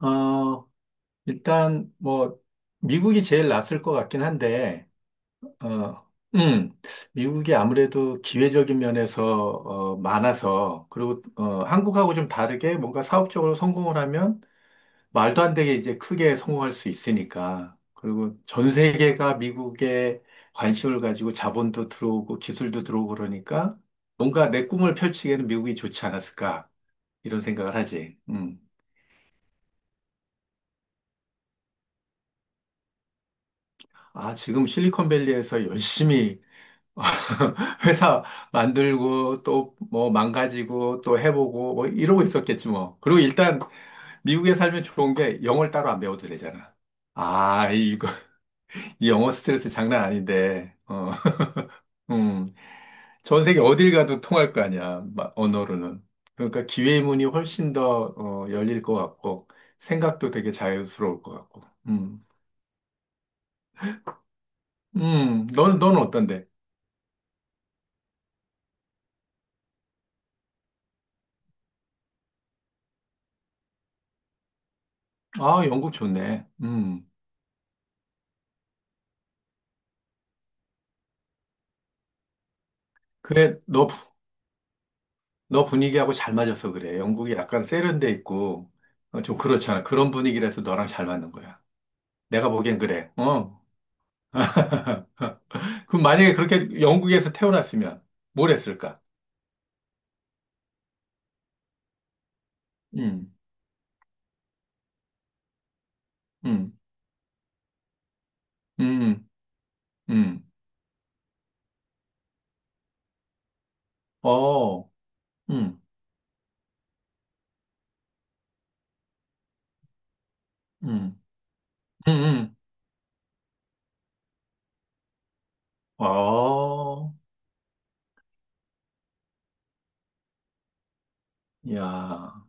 어, 일단, 뭐, 미국이 제일 낫을 것 같긴 한데, 어, 음, 미국이 아무래도 기회적인 면에서, 많아서, 그리고, 한국하고 좀 다르게 뭔가 사업적으로 성공을 하면 말도 안 되게 이제 크게 성공할 수 있으니까. 그리고 전 세계가 미국에 관심을 가지고 자본도 들어오고 기술도 들어오고 그러니까 뭔가 내 꿈을 펼치기에는 미국이 좋지 않았을까, 이런 생각을 하지. 음. 아, 지금 실리콘밸리에서 열심히 회사 만들고 또 뭐 망가지고 또 해보고 뭐 이러고 있었겠지 뭐. 그리고 일단 미국에 살면 좋은 게 영어를 따로 안 배워도 되잖아. 아, 이거 이 영어 스트레스 장난 아닌데. 음, 전 세계 어딜 가도 통할 거 아니야. 언어로는. 그러니까 기회의 문이 훨씬 더 열릴 것 같고 생각도 되게 자유스러울 것 같고. 음, 넌, 는 어떤데? 아, 영국 좋네. 그래, 너 분위기하고 잘 맞아서 그래. 영국이 약간 세련돼 있고, 좀 그렇잖아. 그런 분위기라서 너랑 잘 맞는 거야. 내가 보기엔 그래. 어. 그럼 만약에 그렇게 영국에서 태어났으면 뭘 했을까? 음, 음, 음, 음, 어, 음, 음, 음, 음, 어, 야,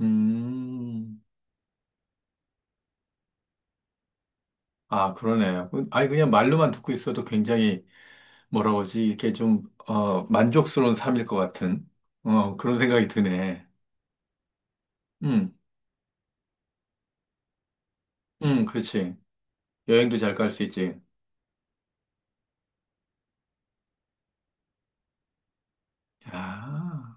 음, 아, 그러네. 아니, 그냥 말로만 듣고 있어도 굉장히 뭐라 고 하지 이게 좀, 만족스러운 삶일 것 같은, 그런 생각이 드네. 음, 그렇지. 여행도 잘 갈 수 있지. 아,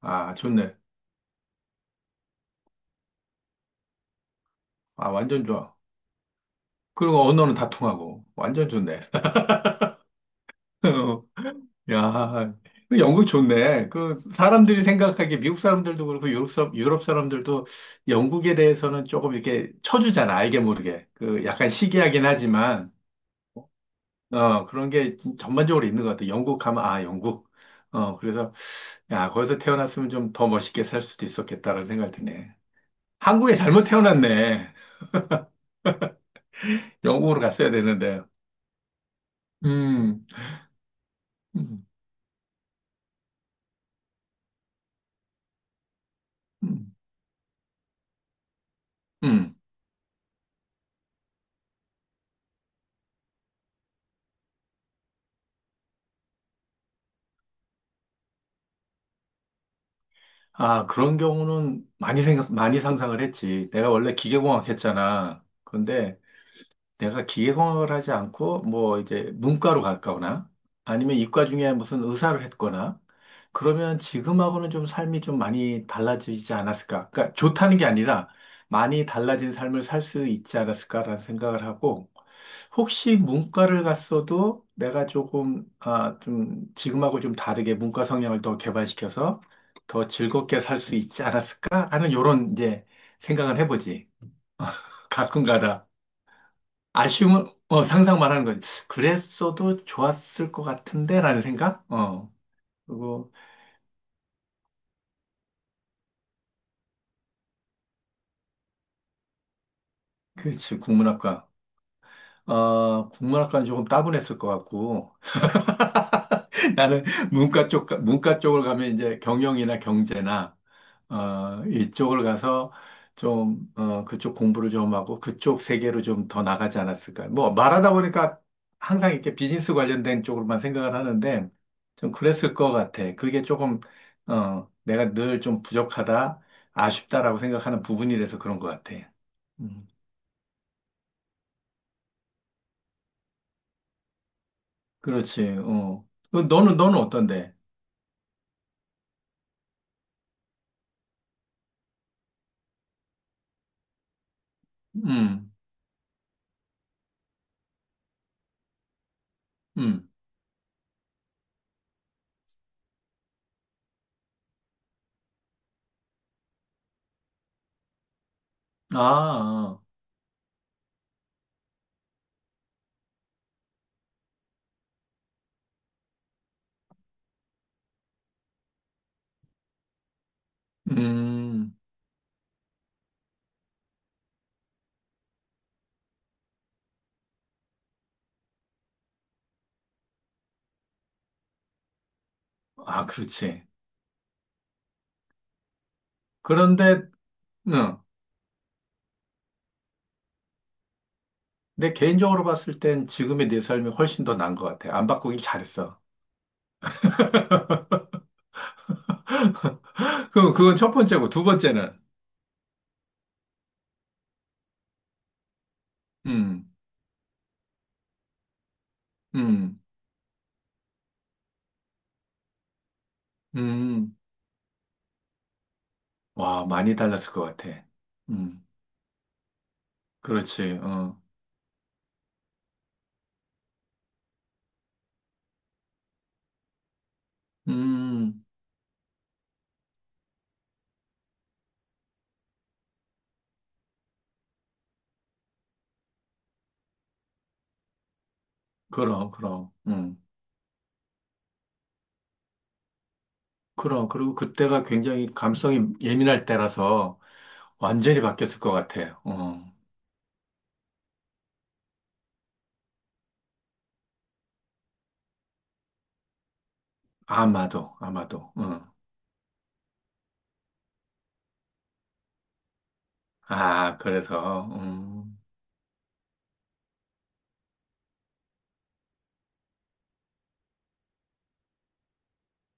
아, 좋네. 아, 완전 좋아. 그리고 언어는 다 통하고. 완전 좋네. 어, 야, 그 영국 좋네. 그 사람들이 생각하기에 미국 사람들도 그렇고 유럽, 유럽 사람들도 영국에 대해서는 조금 이렇게 쳐주잖아. 알게 모르게. 그 약간 시기하긴 하지만. 그런 게 전반적으로 있는 것 같아. 영국 가면, 아, 영국. 그래서, 야, 거기서 태어났으면 좀 더 멋있게 살 수도 있었겠다라는 생각이 드네. 한국에 잘못 태어났네. 영국으로 갔어야 되는데. 음, 음, 음. 음. 아, 그런 경우는 많이 생각, 많이 상상을 했지. 내가 원래 기계공학 했잖아. 근데 내가 기계공학을 하지 않고 뭐 이제 문과로 갔거나 아니면 이과 중에 무슨 의사를 했거나 그러면 지금하고는 좀 삶이 좀 많이 달라지지 않았을까? 그러니까 좋다는 게 아니라 많이 달라진 삶을 살 수 있지 않았을까라는 생각을 하고 혹시 문과를 갔어도 내가 조금 아, 좀 지금하고 좀 다르게 문과 성향을 더 개발시켜서 더 즐겁게 살 수 있지 않았을까라는 요런 이제 생각을 해보지. 가끔가다. 아쉬움은 상상 말하는 거지. 그랬어도 좋았을 것 같은데라는 생각? 어. 그리고 그렇지 국문학과. 국문학과는 조금 따분했을 것 같고 나는 문과 쪽 문과 쪽을 가면 이제 경영이나 경제나 이쪽을 가서 좀, 그쪽 공부를 좀 하고 그쪽 세계로 좀 더 나가지 않았을까. 뭐, 말하다 보니까 항상 이렇게 비즈니스 관련된 쪽으로만 생각을 하는데 좀 그랬을 것 같아. 그게 조금, 내가 늘 좀 부족하다, 아쉽다라고 생각하는 부분이라서 그런 것 같아. 음, 그렇지, 어. 그 너는 어떤데? 음, 음. 아, 아. 음. 아, 그렇지. 그런데, 응. 내 개인적으로 봤을 땐 지금의 내 삶이 훨씬 더 나은 것 같아. 안 바꾸길 잘했어. 그럼 그건 첫 번째고, 두 번째는, 음, 음, 음, 와, 많이 달랐을 것 같아. 음, 그렇지, 어, 음, 그럼, 그럼, 그럼. 그리고 그때가 굉장히 감성이 예민할 때라서 완전히 바뀌었을 것 같아. 아마도, 아마도, 어. 아, 그래서,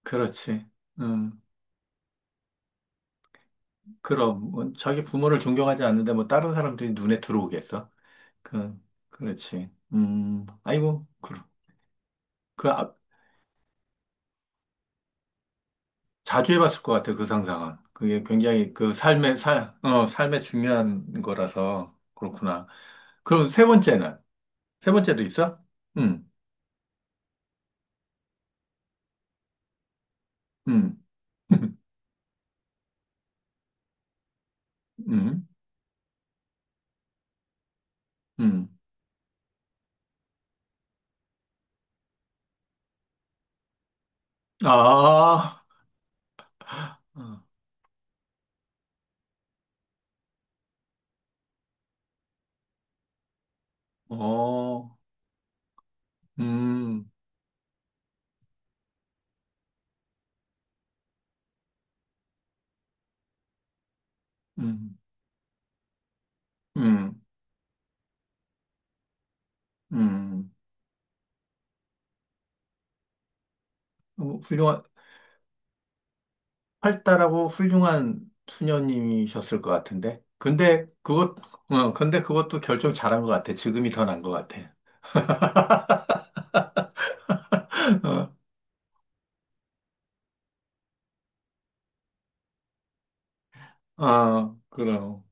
그렇지, 응. 그럼 뭐 자기 부모를 존경하지 않는데 뭐 다른 사람들이 눈에 들어오겠어? 그 그렇지. 아이고 그, 그 아, 자주 해봤을 것 같아 그 상상은. 그게 굉장히 그 삶의 살, 어, 삶의 중요한 거라서 그렇구나. 그럼 세 번째는 세 번째도 있어? 음, 음, 음, 음. 아, 어, 음, 음, 음, 음. 어, 훌륭한. 활달하고 훌륭한 수녀님이셨을 것 같은데. 근데 그것도 결정 잘한 것 같아. 지금이 더 나은 것 같아. 어, 아, 그럼.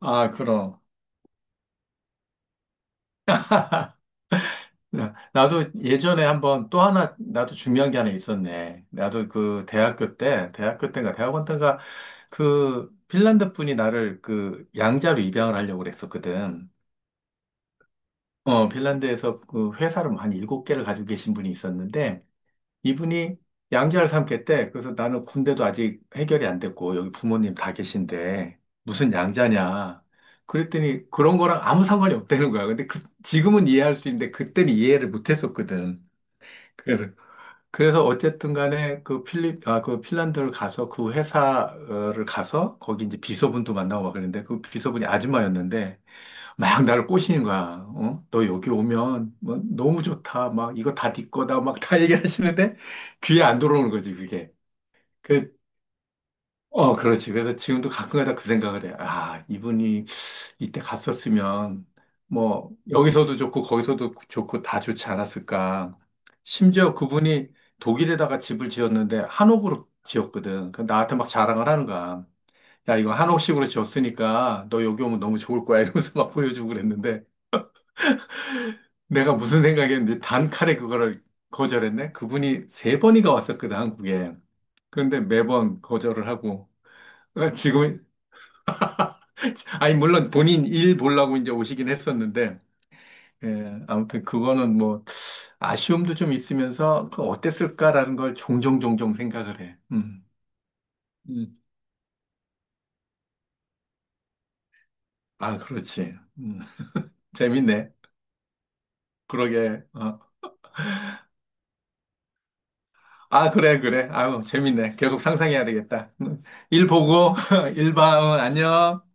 아, 그럼. 나도 예전에 한번 또 하나, 나도 중요한 게 하나 있었네. 나도 그 대학교 때, 대학교 때인가, 대학원 때인가, 그 핀란드 분이 나를 그 양자로 입양을 하려고 그랬었거든. 핀란드에서 그 회사를 한 일곱 개를 가지고 계신 분이 있었는데, 이분이 양자를 삼겠대. 그래서 나는 군대도 아직 해결이 안 됐고, 여기 부모님 다 계신데, 무슨 양자냐. 그랬더니 그런 거랑 아무 상관이 없다는 거야. 근데 지금은 이해할 수 있는데, 그때는 이해를 못 했었거든. 그래서 어쨌든 간에 그 핀란드를 가서 그 회사를 가서 거기 이제 비서분도 만나고 막 그랬는데 그 비서분이 아줌마였는데 막 나를 꼬시는 거야. 어? 너 여기 오면 뭐 너무 좋다. 막 이거 다 네 거다. 막 다 얘기하시는데 귀에 안 들어오는 거지, 그게. 그 그렇지. 그래서 지금도 가끔가다 그 생각을 해. 아, 이분이 이때 갔었으면, 뭐, 여기서도 좋고, 거기서도 좋고, 다 좋지 않았을까. 심지어 그분이 독일에다가 집을 지었는데, 한옥으로 지었거든. 그 나한테 막 자랑을 하는 거야. 야, 이거 한옥식으로 지었으니까, 너 여기 오면 너무 좋을 거야. 이러면서 막 보여주고 그랬는데, 내가 무슨 생각이었는데, 단칼에 그거를 거절했네? 그분이 3번이가 왔었거든, 한국에. 그런데 매번 거절을 하고, 지금 아니, 물론 본인 일 보려고 이제 오시긴 했었는데, 예, 아무튼 그거는 뭐, 아쉬움도 좀 있으면서, 그 어땠을까라는 걸 종종 종종 생각을 해. 음. 아, 그렇지. 재밌네. 그러게. 어. 아, 그래, 그래. 아유, 재밌네. 계속 상상해야 되겠다. 일 보고, 일 봐. 안녕.